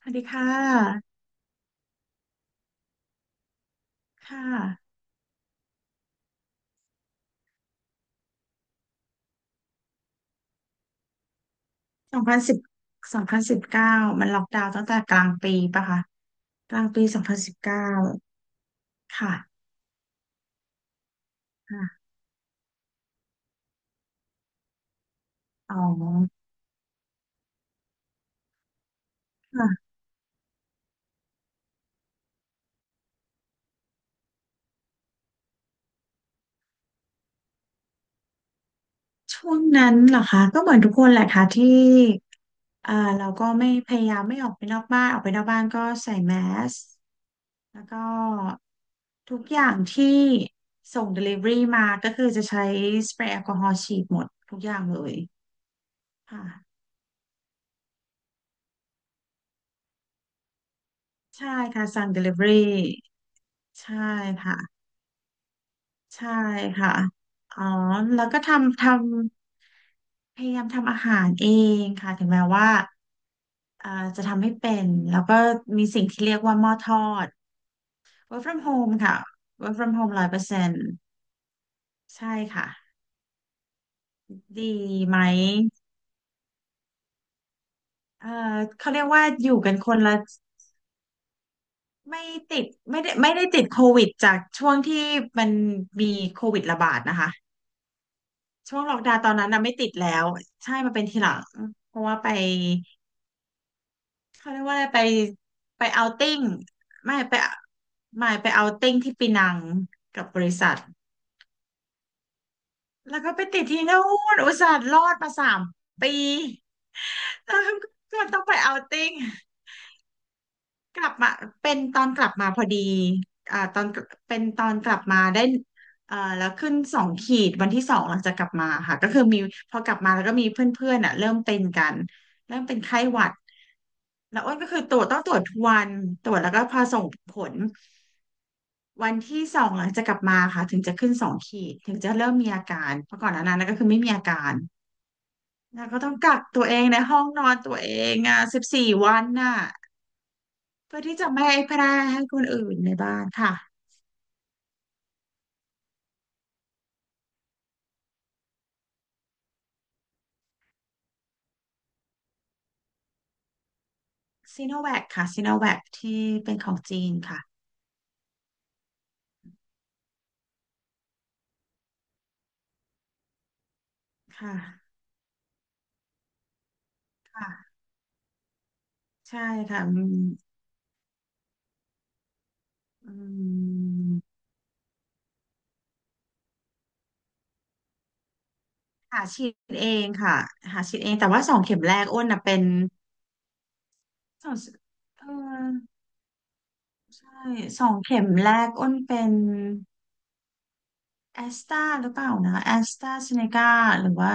สวัสดีค่ะค่ะสองพันสิบสองพันสิบเก้ามันล็อกดาวน์ตั้งแต่กลางปีปะคะกลางปีสองพันสิบเก้าค่ะค่ะอ๋อค่ะช่วงนั้นเหรอคะก็เหมือนทุกคนแหละค่ะที่เอ่อเราก็ไม่พยายามไม่ออกไปนอกบ้านออกไปนอกบ้านก็ใส่แมสแล้วก็ทุกอย่างที่ส่ง Delivery มาก็คือจะใช้สเปรย์แอลกอฮอล์ฉีดหมดทุกอย่างเลยค่ะใช่ค่ะสั่ง Delivery ใช่ค่ะ ใช่ค่ะ อ๋อ แล้วก็พยายามทำอาหารเองค่ะถึงแม้ว่าจะทำไม่เป็นแล้วก็มีสิ่งที่เรียกว่าหม้อทอด work from home ค่ะ work from home 100%ใช่ค่ะดีไหมเอ่อเขาเรียกว่าอยู่กันคนละไม่ติดไม่ได้ติดโควิดจากช่วงที่มันมีโควิดระบาดนะคะช่วงล็อกดาวน์ตอนนั้นน่ะไม่ติดแล้วใช่มาเป็นทีหลังเพราะว่าไป เขาเรียกว่าอะไรไปไปเอาติ้งไม่ไปไม่ไปเอาติ้งที่ปีนังกับบริษัทแล้วก็ไปติดที่นู่นอุตส่าห์รอดมา3 ปีแล้วก็ต้องไปเอาติ้ง กลับมาเป็นตอนกลับมาพอดีตอนเป็นตอนกลับมาได้แล้วขึ้นสองขีดวันที่สองหลังจากกลับมาค่ะก็คือมีพอกลับมาแล้วก็มีเพื่อนๆอ่ะเริ่มเป็นกันเริ่มเป็นไข้หวัดแล้วอ้นก็คือตรวจต้องตรวจทุกวันตรวจแล้วก็พอส่งผลวันที่สองหลังจากกลับมาค่ะถึงจะขึ้นสองขีดถึงจะเริ่มมีอาการเพราะก่อนหน้านั้นก็คือไม่มีอาการแล้วก็ต้องกักตัวเองในห้องนอนตัวเองอ่ะ14 วันน่ะ เพื่อที่จะไม่ให้แพร่ให้คนอื่นในบ้านค่ะซีโนแวคค่ะซีโนแวคที่เป็นของจีนค่ะค่ะค่ะใช่ค่ะอืมอืมหาฉีดเองค่ะหาฉีดเองแต่ว่าสองเข็มแรกอ้นนะเป็นสองเออใช่สองเข็มแรกอ้นเป็นแอสตราหรือเปล่านะแอสตราเซเนกาหรือว่า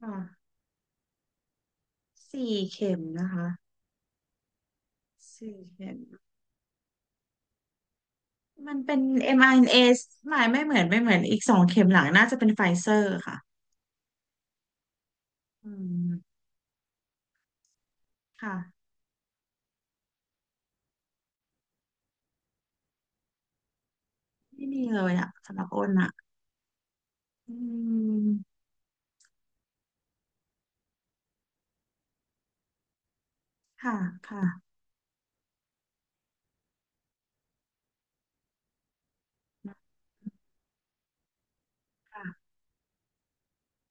ค่ะสี่เข็มนะคะสี่เข็ม มันเป็น m i n a ไม่เหมือนอีกสองเข็มหลังน่าจะเป็นไฟเซอร์ค่ะ อืม ค่ะไม่มีเลยอะสำหรับอ้นอะอืม ค่ะค่ะค่ะ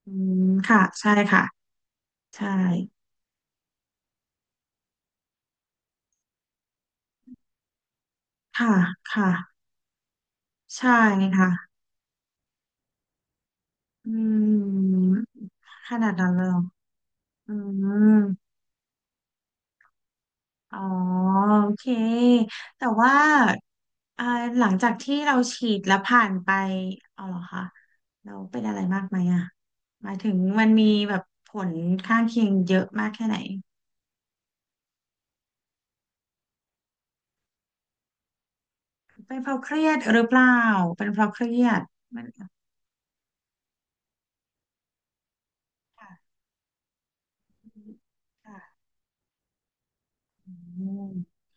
อืมค่ะ ใช่ค่ะ ใช่ ค่ะ ค่ะ ใช่ค่ะ อืม ขนาดนั้นเลยเหรออืม อ๋อโอเคแต่ว่าอ่าหลังจากที่เราฉีดแล้วผ่านไปเอาเหรอคะเราเป็นอะไรมากไหมอ่ะหมายถึงมันมีแบบผลข้างเคียงเยอะมากแค่ไหนเป็นเพราะเครียดหรือเปล่าเป็นเพราะเครียดมันค่ะค่ะอืม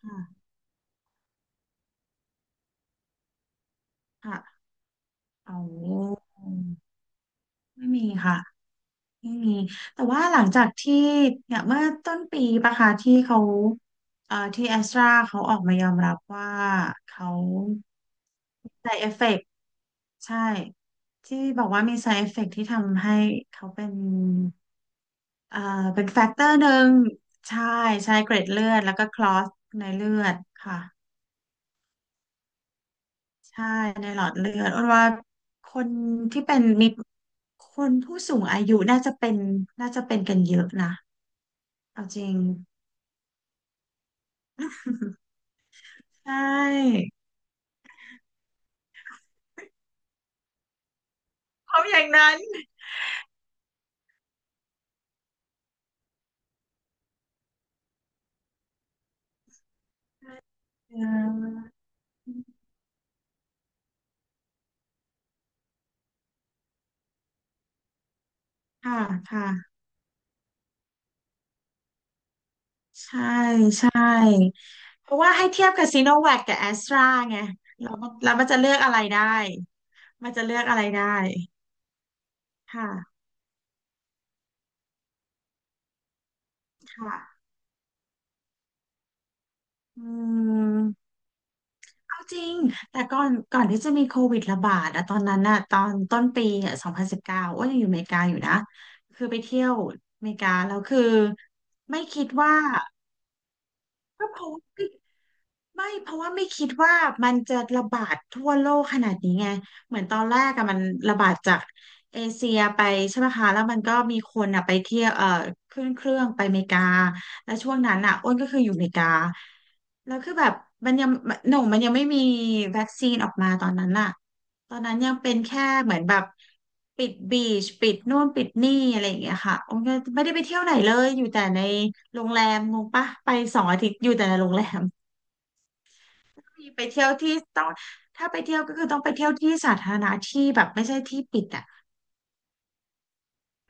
ค่ะค่ะอ๋อไม่มีค่ะ อืมแต่ว่าหลังจากที่เนี่ยเมื่อต้นปีปะคะที่เขาที่แอสตราเขาออกมายอมรับว่าเขามี s i เอฟเฟก c t ใช่ที่บอกว่ามี s i เอฟเฟก c t ที่ทำให้เขาเป็นเอ่อเป็นแฟกเตอร์หนึ่งใช่ใช่เกร็ดเลือดแล้วก็คลอสในเลือดค่ะใช่ในหลอดเลือดอ้วนว่าคนที่เป็นมีคนผู้สูงอายุน่าจะเป็นน่าจะเป็นกันเยอะนะเอาจริง ใช่เพราะอย่างนั้นเออค่ะค่ะใช่ใช่เพราะว่าให้เทียบกับซีโนแวคกับแอสตราไงเราเรามันจะเลือกอะไรได้มันจะเลือกอะไรได้ค่ะค่ะอืมเอาจริงแต่ก่อนที่จะมีโควิดระบาดอะตอนนั้นอะตอนต้นปีอะสองพันสิบเก้าโอ้วยังอยู่อเมริกาอยู่นะคือไปเที่ยวอเมริกาแล้วคือไม่คิดว่า ก็เพราะว่าไม่เพราะว่าไม่คิดว่ามันจะระบาดทั่วโลกขนาดนี้ไงเหมือนตอนแรกอะมันระบาดจากเอเชียไปใช่ไหมคะแล้วมันก็มีคนอะไปเที่ยวขึ้นเครื่องไปอเมริกาแล้วช่วงนั้นอะอ้นก็คืออยู่อเมริกาแล้วคือแบบมันยังหนูมันยังไม่มีวัคซีนออกมาตอนนั้นอะ ตอนนั้นยังเป็นแค่เหมือนแบบปิดบีชปิดนู่นปิดนี่อะไรอย่างเงี้ยค่ะโองค์ก็ไม่ได้ไปเที่ยวไหนเลยอยู่แต่ในโรงแรมงงปะไป2 อาทิตย์อยู่แต่ในโรงแรมมีไปเที่ยวที่ต้องถ้าไปเที่ยวก็คือต้องไปเที่ยวที่สาธารณะที่แบบไม่ใช่ที่ปิดอ่ะ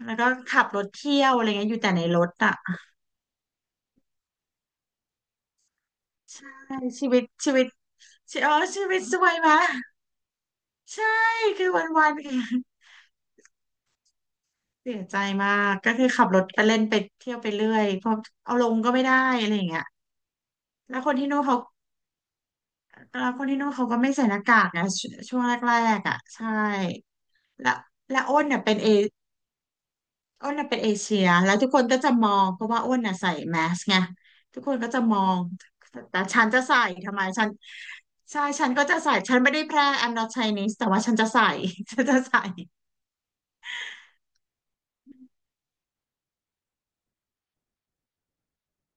แล้วก็ขับรถเที่ยวอะไรเงี้ยอยู่แต่ในรถอ่ะใช่ชีวิตชีวิตชีอ๋อชีวิตสวยมะใช่คือวันวันเสียใจมากก็คือขับรถไปเล่นไปเที่ยวไปเรื่อยเพราะเอาลงก็ไม่ได้อะไรอย่างเงี้ย แล้วคนที่นู่นเขาแล้วคนที่นู่นเขาก็ไม่ใส่หน้ากากนะชช่วงแรกๆอ่ะใช่แล้วอ้นเนี่ยเป็นเออ้นเนี่ยเป็นเอเชียแล้วทุกคนก็จะมองเพราะว่าอ้นเนี่ยใส่แมสไงทุกคนก็จะมองแต่ฉันจะใส่ทำไมฉันใช่ฉันก็จะใส่ฉันไม่ได้แพร่ I'm not Chinese แต่ว่าฉันจะใส่ ฉันจะใส่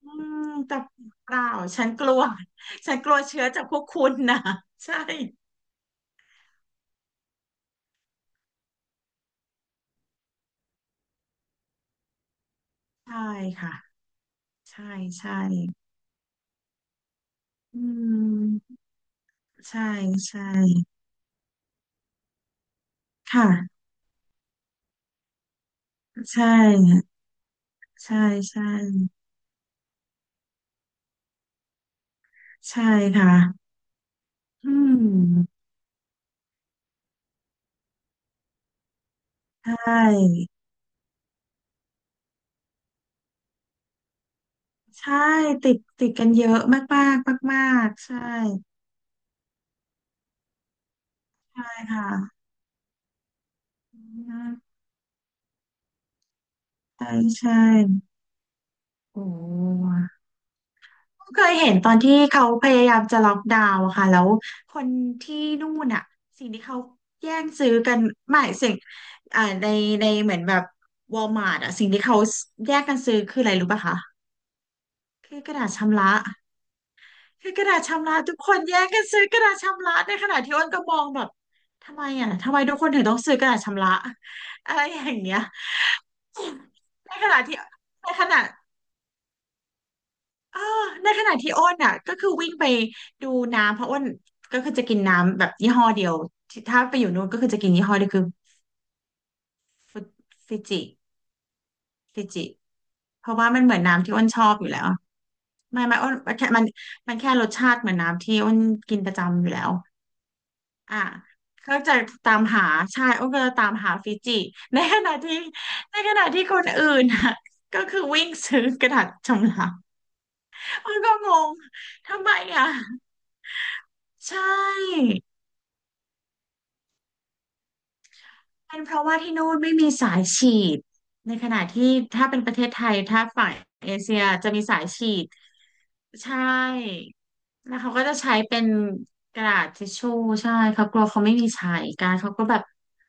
อืมแต่เปล่าฉันกลัวฉันกลัวเชื้อจากพวกคุณนะ ใช่ใช่ค่ะใช่ใช่อืมใช่ใช่ ค่ะใช่ใช่ใช่ใช่ค่ะอืมใช่ใช่ติดกันเยอะมากมากมากมากๆใช่ใช่ค่ะใช่ใช่โอ้เคยเห็นตอนที่เขาพยายามจะล็อกดาวน์อะค่ะแล้วคนที่นู่นอะสิ่งที่เขาแย่งซื้อกันหมายสิ่งอ่าในเหมือนแบบวอลมาร์ทอะสิ่งที่เขาแย่งกันซื้อคืออะไรรู้ป่ะคะคือกระดาษชำระ คือกระดาษชำระทุกคนแย่งกันซื้อกระดาษชำระในขณะที่อ้นก็มองแบบทำไมอ่ะทำไมทุกคนถึงต้องซื้อกระดาษชำระ อะไรอย่างเงี้ยในขณะที่ในขณะเออในขณะที่อ้นอ่ะก็คือวิ่งไปดูน้ำเพราะอ้นก็คือจะกินน้ำแบบยี่ห้อเดียวที่ถ้าไปอยู่นู้นก็คือจะกินยี่ห้อเดียวคือฟิฟิจิฟิจิเพราะว่ามันเหมือนน้ำที่อ้นชอบอยู่แล้วไม่อ้นมันแค่มันแค่รสชาติเหมือนน้ำที่อ้นกินประจำอยู่แล้ว อ่ะก็จะตามหาใช่อ้นก็จะตามหาฟิจิในขณะที่ในขณะที่คนอื่นอ่ะก็คือวิ่งซื้อกระดาษชำระมันก็งงทำไมอ่ะใช่เป็นเพราะว่าที่นู่นไม่มีสายฉีดในขณะที่ถ้าเป็นประเทศไทยถ้าฝั่งเอเชียจะมีสายฉีดใช่แล้วเขาก็จะใช้เป็นกระดาษทิชชู่ใช่เขากลัวเขาไม่มีใช้กันเขาก็แบบ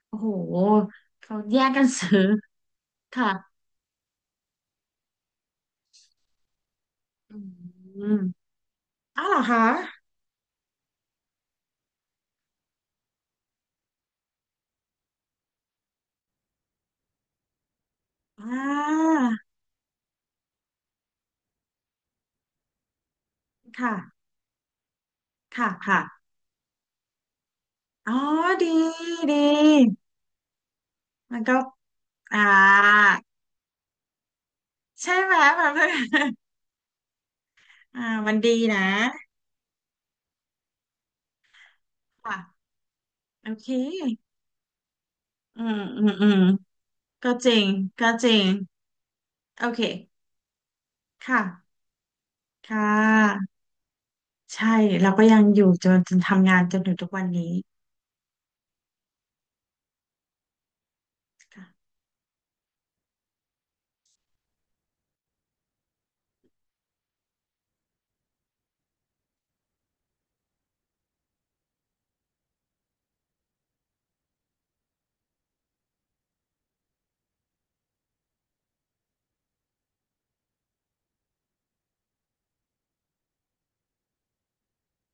โอ้โหเขาแย่งกันซื้อค่ะ อืมอ้าวเหรอคะอ่าค่ะค่ะค่ะอ๋อดี ดีมันก็อ่าใช่ไหมแบบนั้น อ่ามันดีนะค่ะโอเคอืมอืมอืมก็จริงก็จริงโอเค ค่ะ ค่ะ ใช่เราก็ยังอยู่จนทำงานจนถึงทุกวันนี้